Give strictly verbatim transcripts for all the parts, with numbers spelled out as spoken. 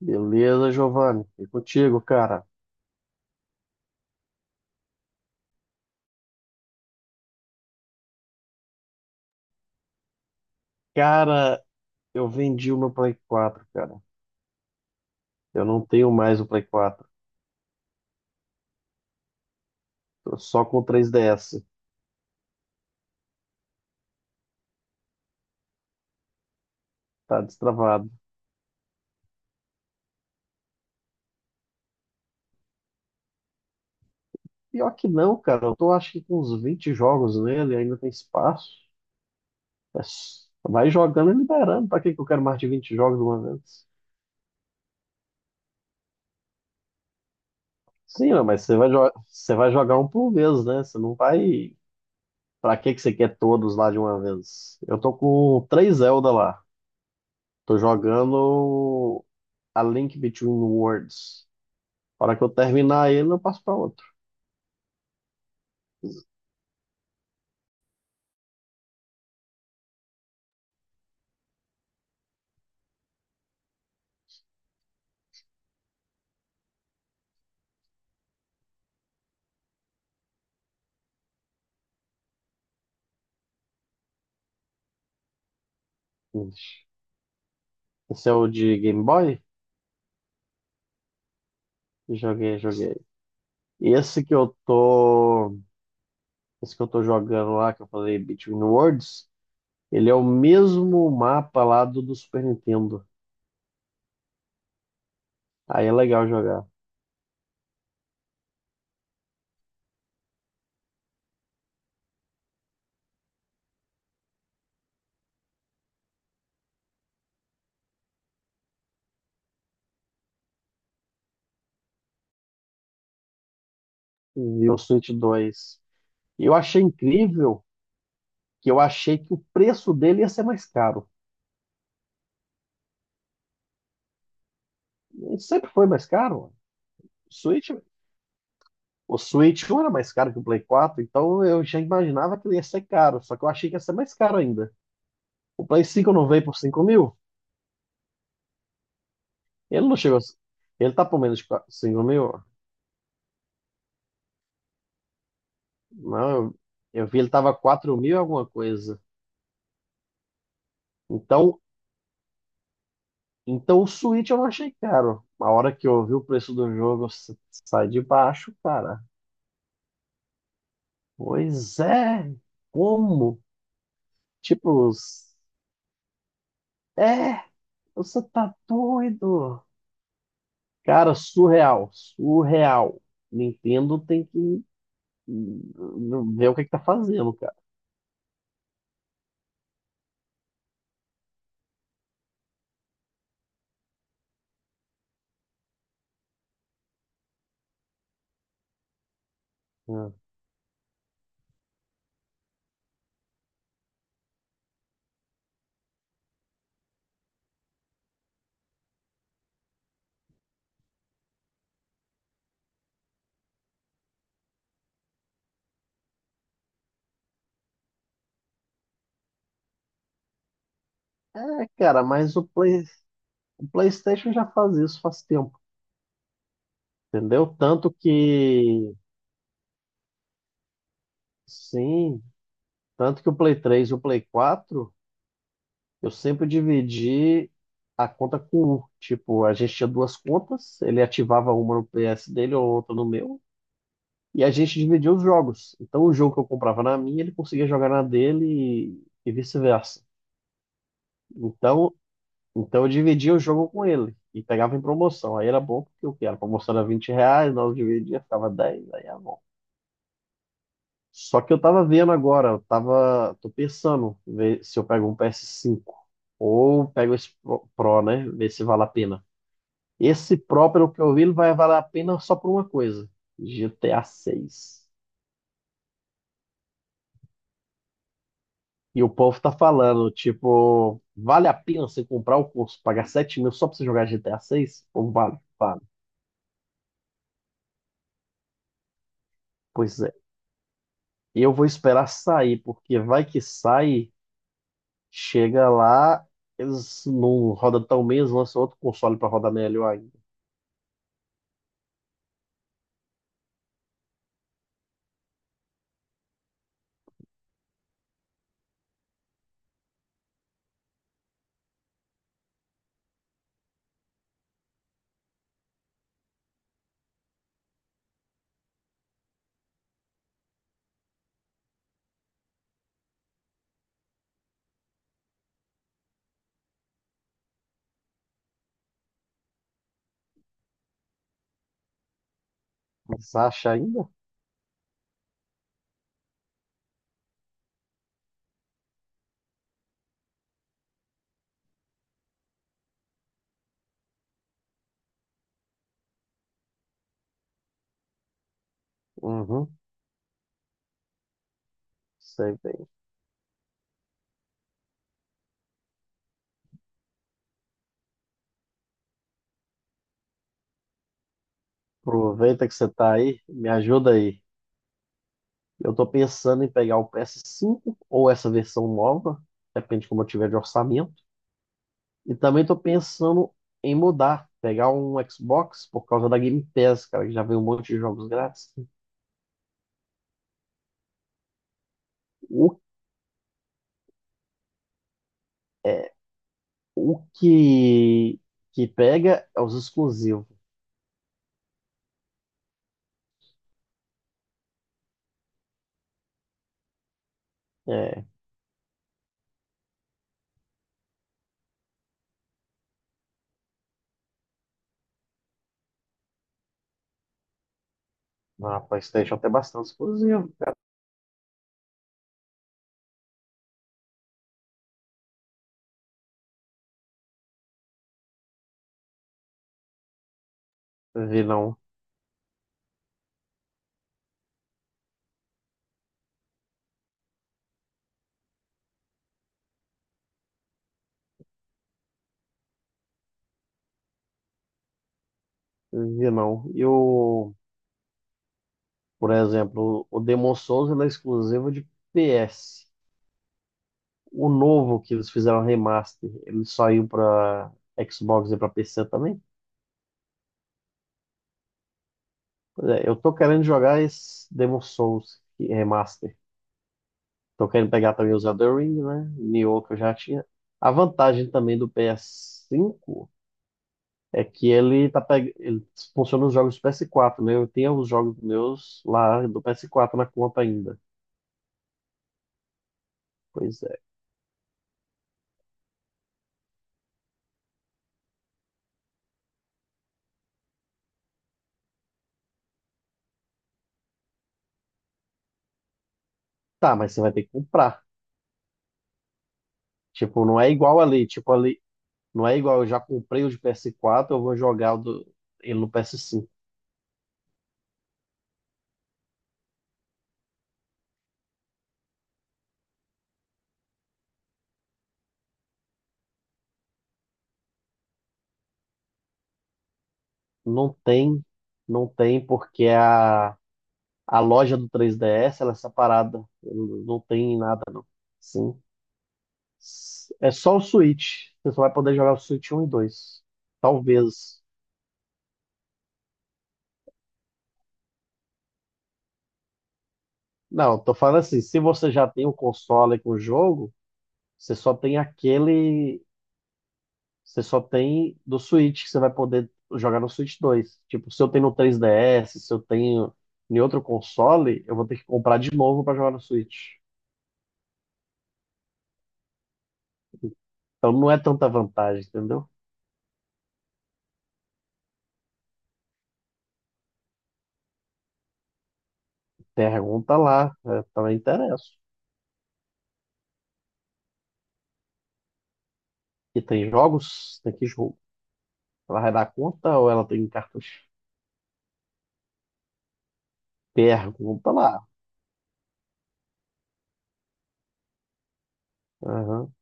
Beleza, Giovanni. E contigo, cara? Cara, eu vendi o meu Play quatro, cara. Eu não tenho mais o Play quatro. Tô só com o três D S. Tá destravado. Pior que não, cara. Eu tô acho que com uns vinte jogos nele, ainda tem espaço. É s- Vai jogando e liberando. Pra que que eu quero mais de vinte jogos de uma vez? Sim, não, mas você vai, jo- você vai jogar um por vez, né? Você não vai. Pra que que você quer todos lá de uma vez? Eu tô com três Zelda lá. Tô jogando. A Link Between Worlds. Na hora que eu terminar ele, eu passo para outro. Esse é o de Game Boy? Joguei, joguei. E esse que eu tô, esse que eu tô jogando lá, que eu falei Between Worlds, ele é o mesmo mapa lá do, do Super Nintendo. Aí é legal jogar. E o Switch dois. E eu achei incrível que eu achei que o preço dele ia ser mais caro. Ele sempre foi mais caro. O Switch O Switch um era mais caro que o Play quatro, então eu já imaginava que ele ia ser caro, só que eu achei que ia ser mais caro ainda. O Play cinco não veio por cinco mil? Ele não chegou. a- Ele tá por menos de qua- cinco mil? Não, eu, eu vi ele tava quatro mil e alguma coisa. Então, então o Switch eu não achei caro. A hora que eu vi o preço do jogo s- sai de baixo, cara. Pois é, como? Tipo, é, você tá doido. Cara, surreal, surreal. Nintendo tem que hum, ver o que é que tá fazendo, cara. É, é, cara, mas o Play, o PlayStation já faz isso faz tempo, entendeu? Tanto que, sim, tanto que o Play três e o Play quatro, eu sempre dividi a conta com um. Tipo, a gente tinha duas contas, ele ativava uma no P S dele ou outra no meu, e a gente dividia os jogos. Então, o jogo que eu comprava na minha, ele conseguia jogar na dele e e vice-versa. Então, então eu dividia o jogo com ele e pegava em promoção. Aí era bom porque o que? Era? A promoção era vinte reais, nós dividia, ficava dez, aí era bom. Só que eu tava vendo agora, eu tava, tô pensando ver se eu pego um P S cinco ou pego esse Pro, Pro, né? Ver se vale a pena. Esse Pro, pelo que eu vi, ele vai valer a pena só por uma coisa: G T A seis. E o povo tá falando, tipo, vale a pena você comprar o curso, pagar sete mil só pra você jogar G T A seis? Ou vale? Vale. Pois é. Eu vou esperar sair, porque vai que sai, chega lá, eles não rodam tão bem, eles lançam outro console para rodar melhor ainda. Mas acha ainda? Uhum, sei bem. Aproveita que você tá aí, me ajuda aí. Eu tô pensando em pegar o P S cinco ou essa versão nova, depende de como eu tiver de orçamento. E também tô pensando em mudar, pegar um Xbox por causa da Game Pass, cara, que já vem um monte de jogos grátis. O O que, que pega é os exclusivos. É, na PlayStation tem bastante exclusivo, cara. Vi não, vi não. E o, por exemplo, o Demon Souls ele é exclusivo de P S. O novo que eles fizeram remaster, ele saiu pra Xbox e pra P C também. Pois é, eu tô querendo jogar esse Demon Souls remaster. Tô querendo pegar também os Elden Ring, né? Nioh que eu já tinha. A vantagem também do P S cinco é que ele tá peg... ele funciona nos jogos do P S quatro, né? Eu tenho os jogos meus lá do P S quatro na conta ainda. Pois é. Tá, mas você vai ter que comprar. Tipo, não é igual ali. Tipo, ali. Não é igual, eu já comprei o de P S quatro, eu vou jogar o do... ele no P S cinco. Não tem, não tem, porque a, a loja do três D S ela é separada. Não tem nada, não. Sim. É só o Switch. Você só vai poder jogar o Switch um e dois. Talvez. Não, tô falando assim, se você já tem o console com o jogo, você só tem aquele, você só tem do Switch que você vai poder jogar no Switch dois. Tipo, se eu tenho no três D S, se eu tenho em outro console, eu vou ter que comprar de novo para jogar no Switch. Então não é tanta vantagem, entendeu? Pergunta lá, é, também interessa. E tem jogos? Tem que jogo. Ela vai dar conta ou ela tem cartucho? Pergunta lá. Aham,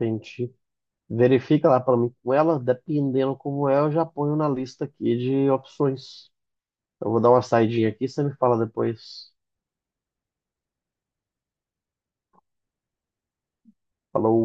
entendi. Verifica lá para mim com ela, dependendo como é, eu já ponho na lista aqui de opções. Eu vou dar uma saidinha aqui, você me fala depois. Falou.